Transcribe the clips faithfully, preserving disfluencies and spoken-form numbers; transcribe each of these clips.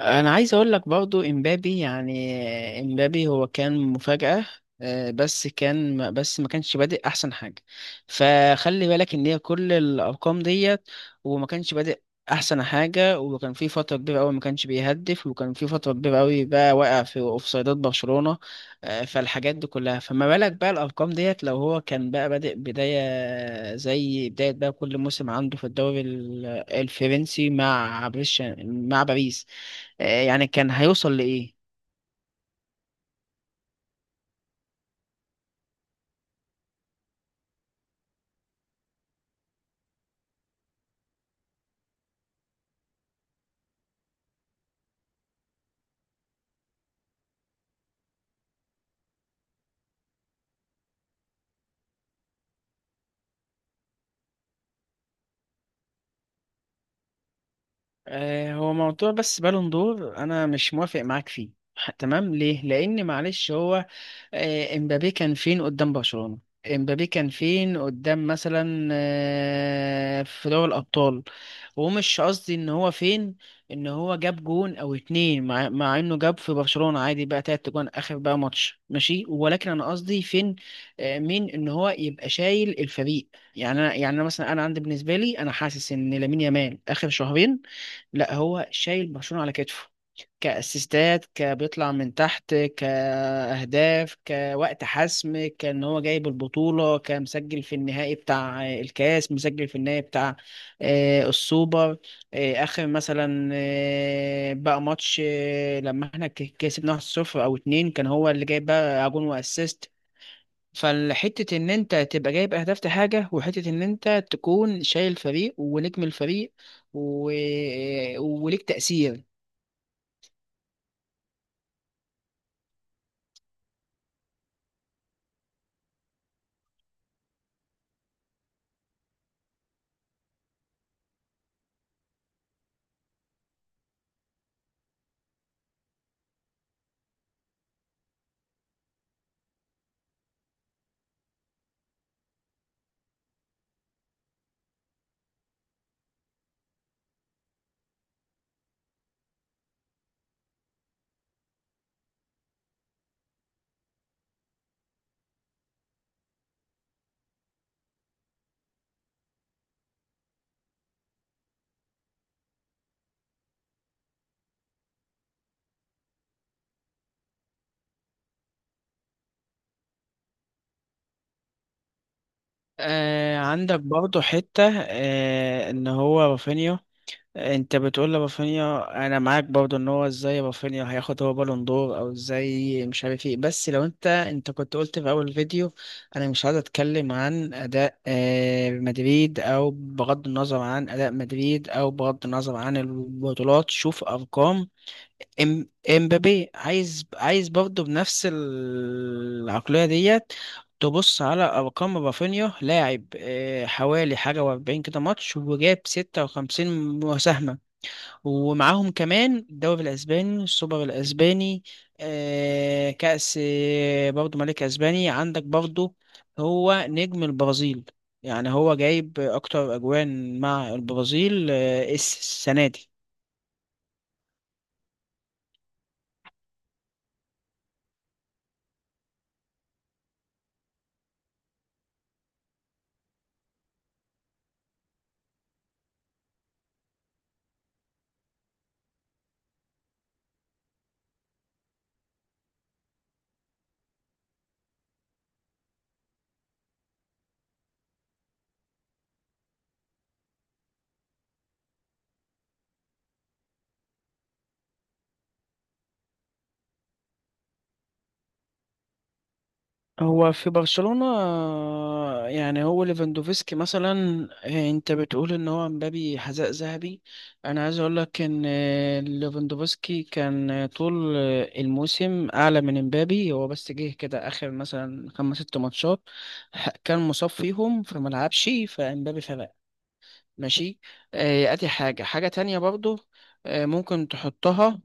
انا عايز اقول لك برضو امبابي، يعني امبابي هو كان مفاجأة. آه، بس كان ما- بس ما كانش بادئ احسن حاجة. فخلي بالك ان هي كل الارقام ديت، وما كانش بادئ احسن حاجة. وكان في فترة كبيرة قوي ما كانش بيهدف، وكان في فترة كبيرة قوي بقى واقع في اوفسايدات برشلونة. آه، فالحاجات دي كلها، فما بالك بقى الارقام ديت لو هو كان بقى بادئ بداية زي بداية بقى كل موسم عنده في الدوري ال- الفرنسي مع بريش مع باريس. آه، يعني كان هيوصل لإيه؟ آه، هو موضوع بس بالون دور انا مش موافق معاك فيه. ح- تمام، ليه؟ لان معلش، هو آه، امبابي كان فين قدام برشلونة؟ امبابي كان فين قدام، مثلا آه، في دوري الابطال؟ ومش قصدي ان هو فين، ان هو جاب جون او اتنين، مع, مع انه جاب في برشلونة عادي بقى تلات جون، اخر بقى ماتش ماشي، ولكن انا قصدي فين، آه، مين، ان هو يبقى شايل الفريق. يعني انا يعني انا مثلا، انا عندي، بالنسبة لي، انا حاسس ان لامين يامال اخر شهرين، لا، هو شايل برشلونة على كتفه، كاسيستات كبيطلع من تحت، كاهداف، كوقت حسم كان هو جايب البطوله، كمسجل في النهائي بتاع الكاس، مسجل في النهائي بتاع آه، السوبر، آه، اخر مثلا آه، بقى ماتش آه، لما احنا ك- كسبنا واحد صفر او اتنين، كان هو اللي جايب بقى جون واسيست. فالحتة إن أنت تبقى جايب أهداف دي حاجة، وحتة إن أنت تكون شايل فريق ونجم الفريق و... آه، وليك تأثير. آه عندك برضه حتة آه إن هو رافينيا، انت بتقول لرافينيا. انا معاك برضو، ان هو ازاي رافينيا هياخد هو بالون دور، او ازاي مش عارف ايه، بس لو انت، انت كنت قلت في اول فيديو: انا مش عايز اتكلم عن اداء آه، مدريد، او بغض النظر عن اداء مدريد، او بغض النظر عن البطولات، شوف ارقام ام- امبابي. عايز عايز برضو بنفس العقلية ديت تبص على أرقام رافينيا. لاعب آه، حوالي حاجة وأربعين كده ماتش وجاب ستة وخمسين مساهمة، ومعاهم كمان الدوري الاسباني، السوبر الاسباني، آه كأس آه، برضو ملك اسباني. عندك برضو هو نجم البرازيل، يعني هو جايب اكتر اجوان مع البرازيل آه السنة دي. هو في برشلونة آه، يعني هو ليفاندوفسكي مثلا، آه، انت بتقول ان هو مبابي حذاء ذهبي. انا عايز اقول لك ان آه، ليفاندوفسكي كان آه، طول آه، الموسم اعلى من مبابي، هو بس جه كده اخر مثلا خمس ست ماتشات ح- كان مصاب فيهم فما لعبش، فمبابي فلا ماشي. آه، ادي حاجة، حاجة تانية برضو آه، ممكن تحطها،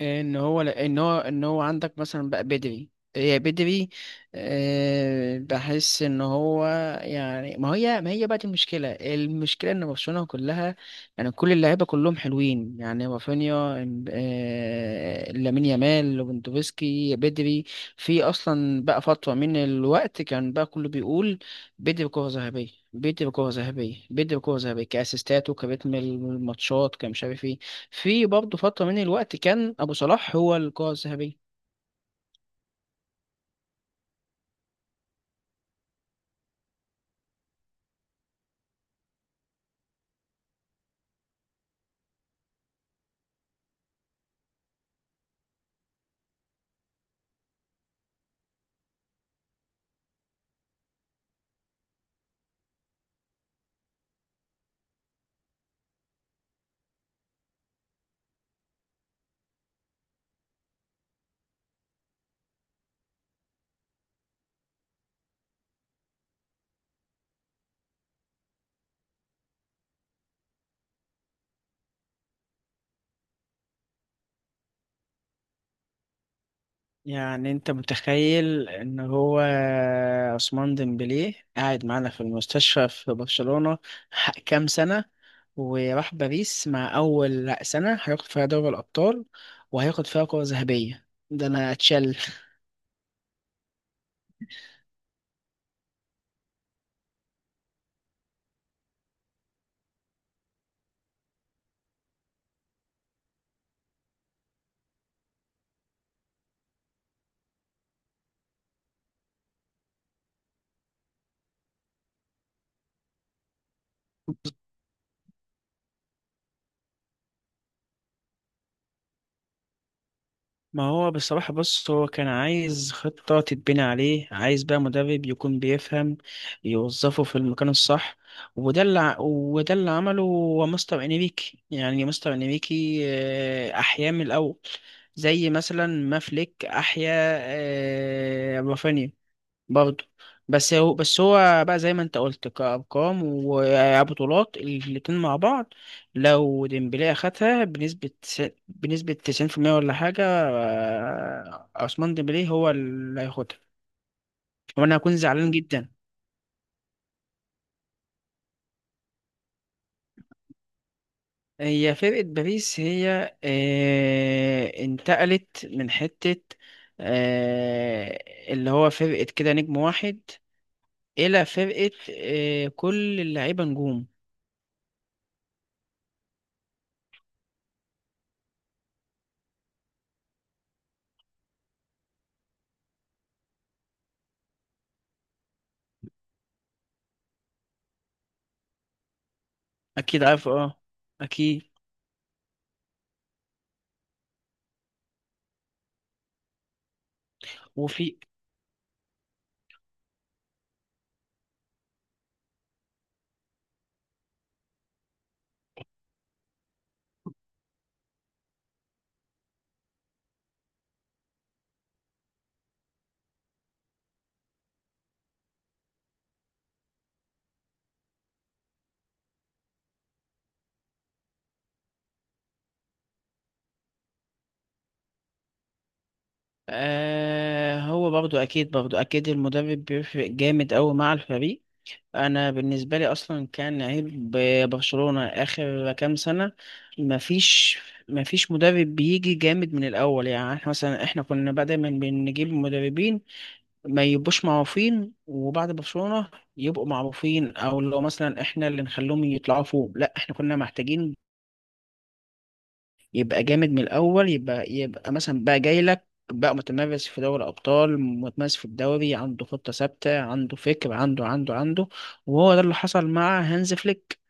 ان هو ان هو ان هو عندك مثلا بقى بدري، هي بدري، آه، بحس ان هو، يعني ما هي ما هي بقى دي المشكله، المشكله ان برشلونه كلها، يعني كل اللعيبه كلهم حلوين، يعني رافينيا، إم- آه، لامين يامال، ليفاندوفسكي، بدري. في اصلا بقى فتره من الوقت كان بقى كله بيقول: بدري كره ذهبيه، بدري كره ذهبيه، بدري كره ذهبيه، كاسيستات وكريتم الماتشات كمش عارف إيه. في برضه فترة من الوقت كان أبو صلاح هو القائد الذهبي. يعني أنت متخيل إن هو عثمان ديمبلي قاعد معانا في المستشفى في برشلونة ح- كام سنة، وراح باريس مع أول سنة هياخد فيها دوري الأبطال، وهياخد فيها كرة ذهبية؟ ده أنا أتشل! ما هو بصراحة، بص، هو كان عايز خطة تتبني عليه، عايز بقى مدرب يكون بيفهم يوظفه في المكان الصح، وده اللي ع- وده اللي عمله هو مستر انريكي. يعني مستر انريكي آه، أحيا من الأول، زي مثلا ما فليك أحيا آه، رافينيا برضه. بس هو بس هو بقى زي ما انت قلت، كأرقام وبطولات الاتنين مع بعض، لو ديمبلي أخدها بنسبة تس- بنسبة تسعين في المية ولا حاجة، آه، عثمان ديمبلي هو اللي هياخدها، وأنا هكون زعلان جدا. هي فرقة باريس هي آه، انتقلت من حتة، آه، اللي هو فرقة كده نجم واحد، إلى فرقة آه، كل اللعيبة نجوم. أكيد عارف، اه. أكيد. وفي. آه هو برضو اكيد، برضو اكيد المدرب بيفرق جامد قوي مع الفريق. انا بالنسبه لي اصلا كان عيب برشلونه اخر كام سنه، مفيش، مفيش مدرب بيجي جامد من الاول. يعني احنا مثلا، احنا كنا بقى دايما بنجيب مدربين ما يبقوش معروفين، وبعد برشلونه يبقوا معروفين، او لو مثلا احنا اللي نخليهم يطلعوا فوق. لا، احنا كنا محتاجين يبقى جامد من الاول، يبقى، يبقى مثلا بقى جاي لك بقى متمرس في دوري ابطال، متمرس في الدوري، عنده خطه ثابته، عنده فكر، عنده عنده عنده. وهو ده اللي حصل مع هانز فليك.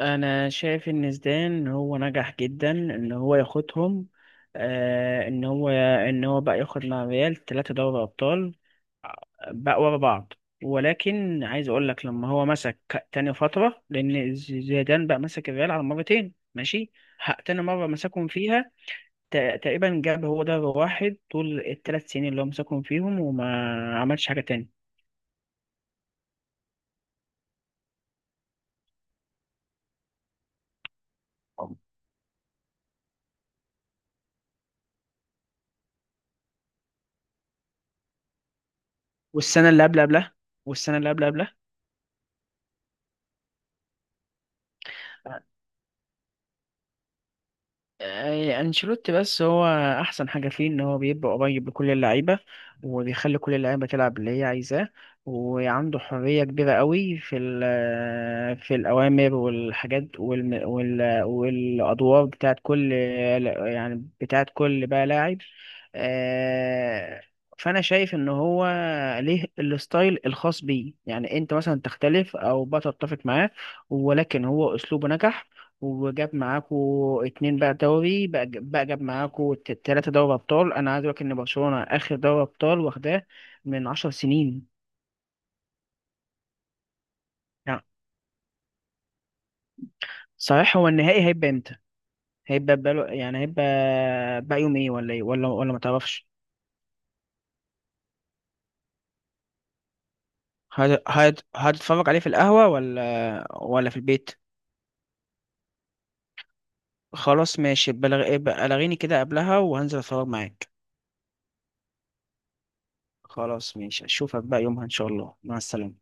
انا شايف ان زيدان هو نجح جدا ان هو ياخدهم آه ان هو، ان هو بقى ياخد مع ريال ثلاثه دوري ابطال بقى ورا بعض، ولكن عايز اقول لك لما هو مسك تاني فتره، لان زيدان بقى مسك الريال على مرتين، ماشي. ه- تاني مره مسكهم فيها تق- تقريبا جاب هو ده واحد طول الثلاث سنين اللي هو مسكهم فيهم، وما عملش حاجة تاني. والسنة اللي قبل قبلها، والسنة اللي قبل قبلها آه، انشيلوتي، بس هو احسن حاجه فيه ان هو بيبقى قريب لكل اللعيبه وبيخلي كل اللعيبه تلعب اللي هي عايزاه، وعنده حريه كبيره قوي في ال- في الاوامر والحاجات والم- وال والادوار بتاعت كل، يعني بتاعت كل بقى لاعب. آه، فانا شايف ان هو ليه الستايل الخاص بيه، يعني انت مثلا تختلف او بقى تتفق معاه، ولكن هو اسلوبه نجح، وجاب معاكو اتنين بقى دوري بقى, بقى جاب معاكو ت- تلاتة دوري أبطال. أنا عايز أقولك إن برشلونة آخر دوري أبطال واخداه من عشر سنين يعني. صحيح، هو النهائي هيبقى إمتى؟ هيبقى بقاله، يعني هيبقى بقى يوم إيه ولا إيه ولا ولا متعرفش؟ هت- هت- هتتفرج عليه في القهوة ولا ولا في البيت؟ خلاص ماشي، بلغ... بلغيني كده قبلها وهنزل أتفرج معاك. خلاص ماشي، أشوفك بقى يومها إن شاء الله، مع السلامة.